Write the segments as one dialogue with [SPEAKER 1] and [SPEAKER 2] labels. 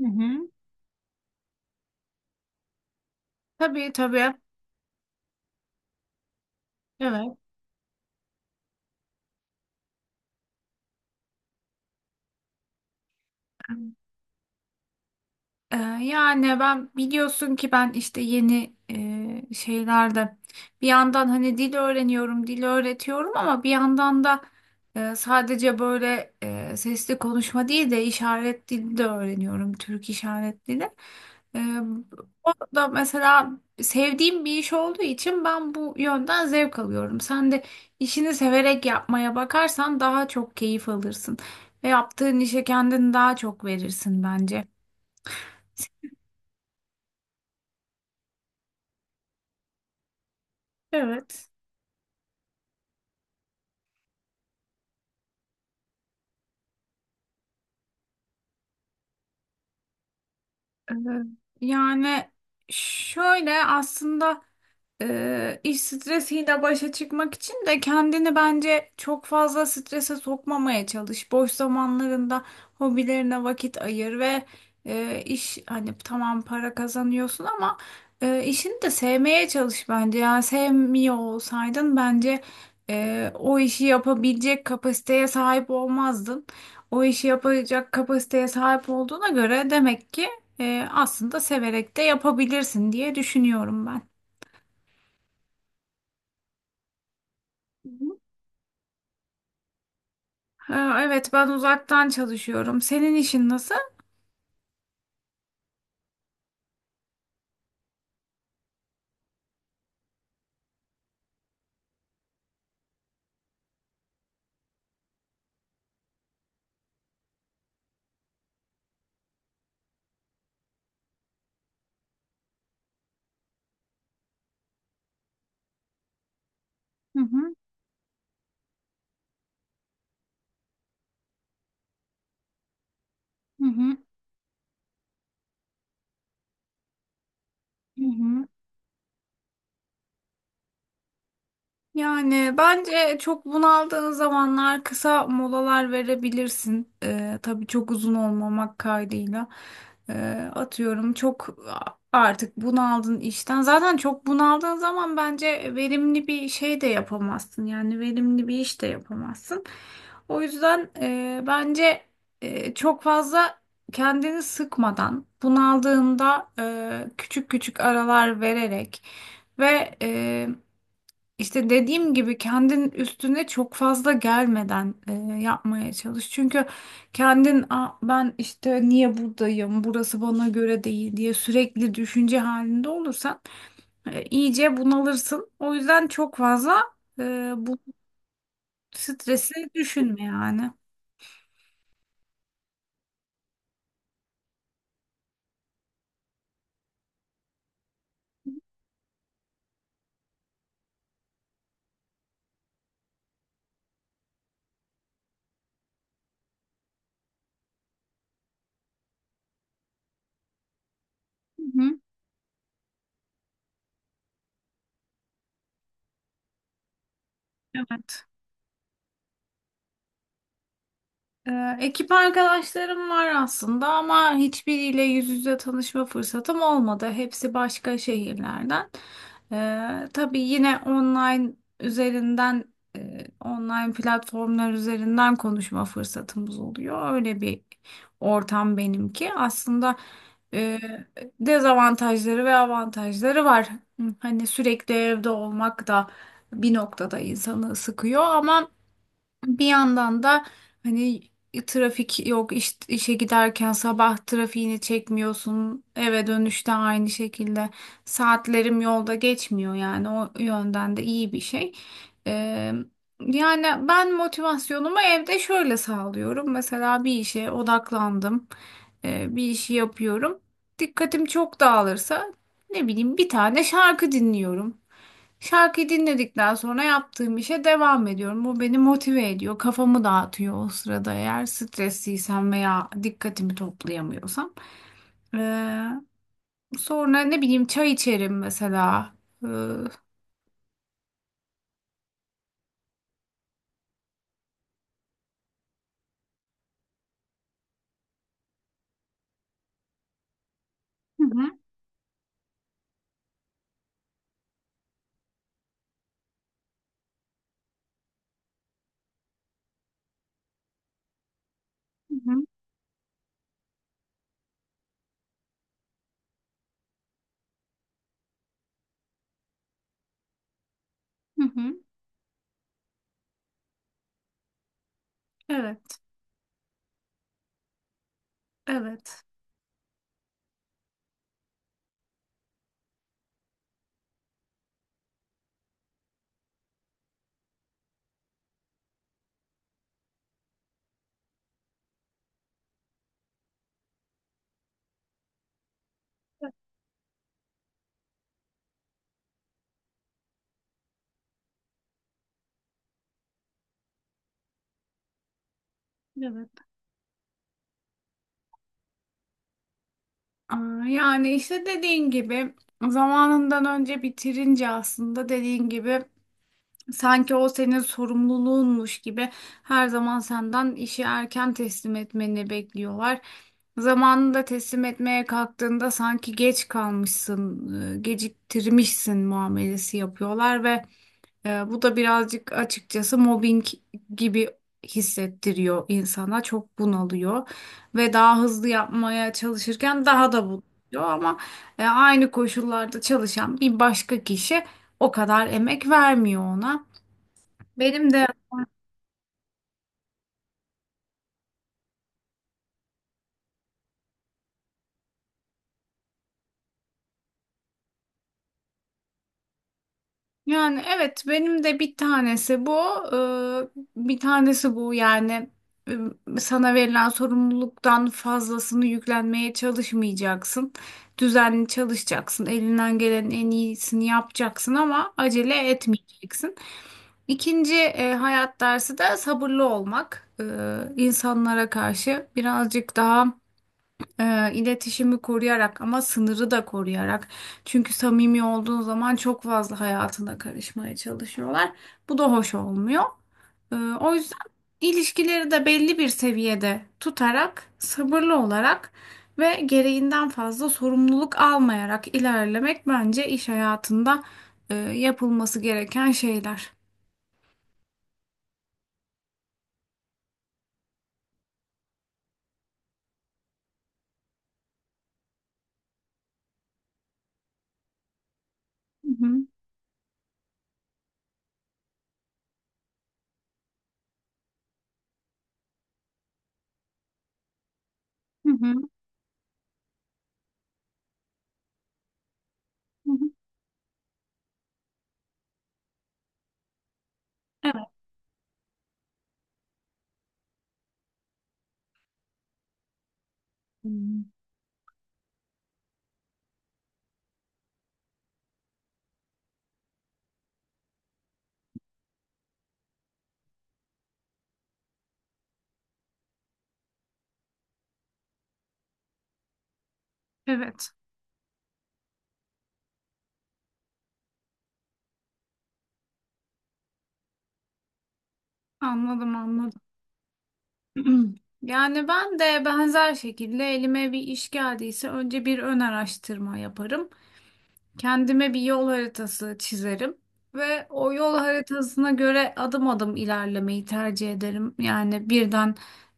[SPEAKER 1] Hı hı. Tabii tabii. Evet. Yani ben biliyorsun ki ben işte yeni şeylerde bir yandan hani dil öğreniyorum, dil öğretiyorum ama bir yandan da sadece böyle sesli konuşma değil de işaret dili de öğreniyorum, Türk işaret dili. Ee, O da mesela sevdiğim bir iş olduğu için ben bu yönden zevk alıyorum. Sen de işini severek yapmaya bakarsan daha çok keyif alırsın ve yaptığın işe kendini daha çok verirsin bence. Evet. Ee, Yani şöyle aslında. İş stresiyle başa çıkmak için de kendini bence çok fazla strese sokmamaya çalış. Boş zamanlarında hobilerine vakit ayır ve iş hani tamam para kazanıyorsun ama işini de sevmeye çalış bence. Yani sevmiyor olsaydın bence o işi yapabilecek kapasiteye sahip olmazdın. O işi yapacak kapasiteye sahip olduğuna göre demek ki aslında severek de yapabilirsin diye düşünüyorum ben. Ha, evet ben uzaktan çalışıyorum. Senin işin nasıl? Hı hı, hı hı, hı hı. Yani bence çok bunaldığın zamanlar kısa molalar verebilirsin. Tabii çok uzun olmamak kaydıyla. Atıyorum çok artık bunaldın işten. Zaten çok bunaldığın zaman bence verimli bir şey de yapamazsın. Yani verimli bir iş de yapamazsın. O yüzden bence çok fazla kendini sıkmadan bunaldığında küçük küçük aralar vererek ve işte dediğim gibi kendin üstüne çok fazla gelmeden yapmaya çalış. Çünkü kendin, "Aa, ben işte niye buradayım, burası bana göre değil," diye sürekli düşünce halinde olursan iyice bunalırsın. O yüzden çok fazla bu stresi düşünme yani. Hı hı. Evet. Ekip arkadaşlarım var aslında ama hiçbiriyle yüz yüze tanışma fırsatım olmadı. Hepsi başka şehirlerden. Tabii yine online üzerinden, online platformlar üzerinden konuşma fırsatımız oluyor. Öyle bir ortam benimki. Aslında e, dezavantajları ve avantajları var. Hani sürekli evde olmak da bir noktada insanı sıkıyor ama bir yandan da hani trafik yok, işe giderken sabah trafiğini çekmiyorsun, eve dönüşte aynı şekilde saatlerim yolda geçmiyor, yani o yönden de iyi bir şey. Ee, Yani ben motivasyonumu evde şöyle sağlıyorum: mesela bir işe odaklandım. Bir işi yapıyorum, dikkatim çok dağılırsa ne bileyim bir tane şarkı dinliyorum. Şarkıyı dinledikten sonra yaptığım işe devam ediyorum. Bu beni motive ediyor, kafamı dağıtıyor o sırada, eğer stresliysem veya dikkatimi toplayamıyorsam. Ee, Sonra ne bileyim çay içerim mesela. Hı hı, hı hı, hı hı. Evet, evet, evet. Aa, yani işte dediğin gibi zamanından önce bitirince, aslında dediğin gibi, sanki o senin sorumluluğunmuş gibi her zaman senden işi erken teslim etmeni bekliyorlar. Zamanında teslim etmeye kalktığında sanki geç kalmışsın, geciktirmişsin muamelesi yapıyorlar ve bu da birazcık açıkçası mobbing gibi hissettiriyor insana. Çok bunalıyor ve daha hızlı yapmaya çalışırken daha da bunalıyor ama aynı koşullarda çalışan bir başka kişi o kadar emek vermiyor ona. Benim de yani evet, benim de bir tanesi bu. Ee, Bir tanesi bu yani: e, sana verilen sorumluluktan fazlasını yüklenmeye çalışmayacaksın. Düzenli çalışacaksın. Elinden gelenin en iyisini yapacaksın ama acele etmeyeceksin. İkinci hayat dersi de sabırlı olmak. İnsanlara karşı birazcık daha iletişimi koruyarak ama sınırı da koruyarak. Çünkü samimi olduğun zaman çok fazla hayatına karışmaya çalışıyorlar. Bu da hoş olmuyor. O yüzden ilişkileri de belli bir seviyede tutarak, sabırlı olarak ve gereğinden fazla sorumluluk almayarak ilerlemek bence iş hayatında yapılması gereken şeyler. Hı hı, hı hı, hı hı. Evet. Hmm. Evet. Anladım, anladım. Yani ben de benzer şekilde elime bir iş geldiyse önce bir ön araştırma yaparım. Kendime bir yol haritası çizerim ve o yol haritasına göre adım adım ilerlemeyi tercih ederim. Yani birden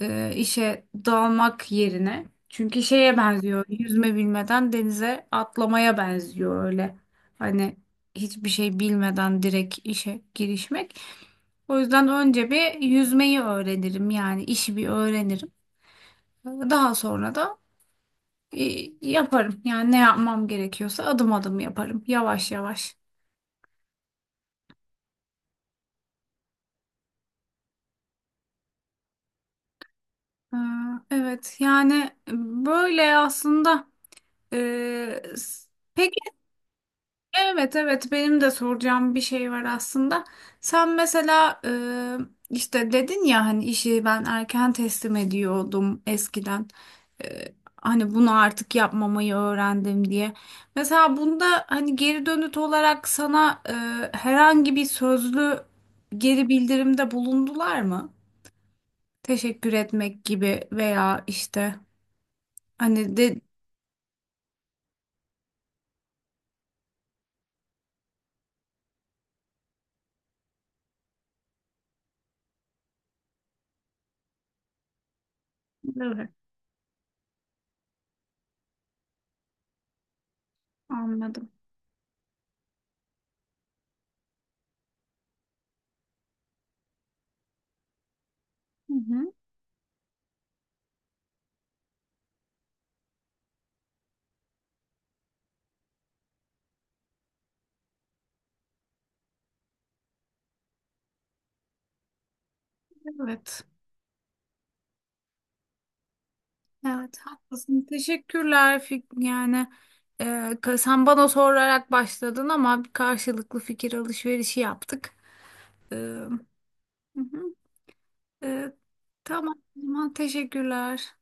[SPEAKER 1] işe dalmak yerine. Çünkü şeye benziyor. Yüzme bilmeden denize atlamaya benziyor öyle. Hani hiçbir şey bilmeden direkt işe girişmek. O yüzden önce bir yüzmeyi öğrenirim. Yani işi bir öğrenirim. Daha sonra da e, yaparım. Yani ne yapmam gerekiyorsa adım adım yaparım. Yavaş yavaş. Ee, Evet yani e, böyle aslında e, s- peki, evet, evet, benim de soracağım bir şey var aslında. Sen mesela işte dedin ya hani, işi ben erken teslim ediyordum eskiden. Hani bunu artık yapmamayı öğrendim diye. Mesela bunda hani geri dönüt olarak sana herhangi bir sözlü geri bildirimde bulundular mı? Teşekkür etmek gibi veya işte. Hani de evet, anladım. Hı hı. Evet. Evet, haklısın. Teşekkürler. Yani e, sen bana sorarak başladın ama bir karşılıklı fikir alışverişi yaptık. Hı hı. E, tamam, o zaman teşekkürler.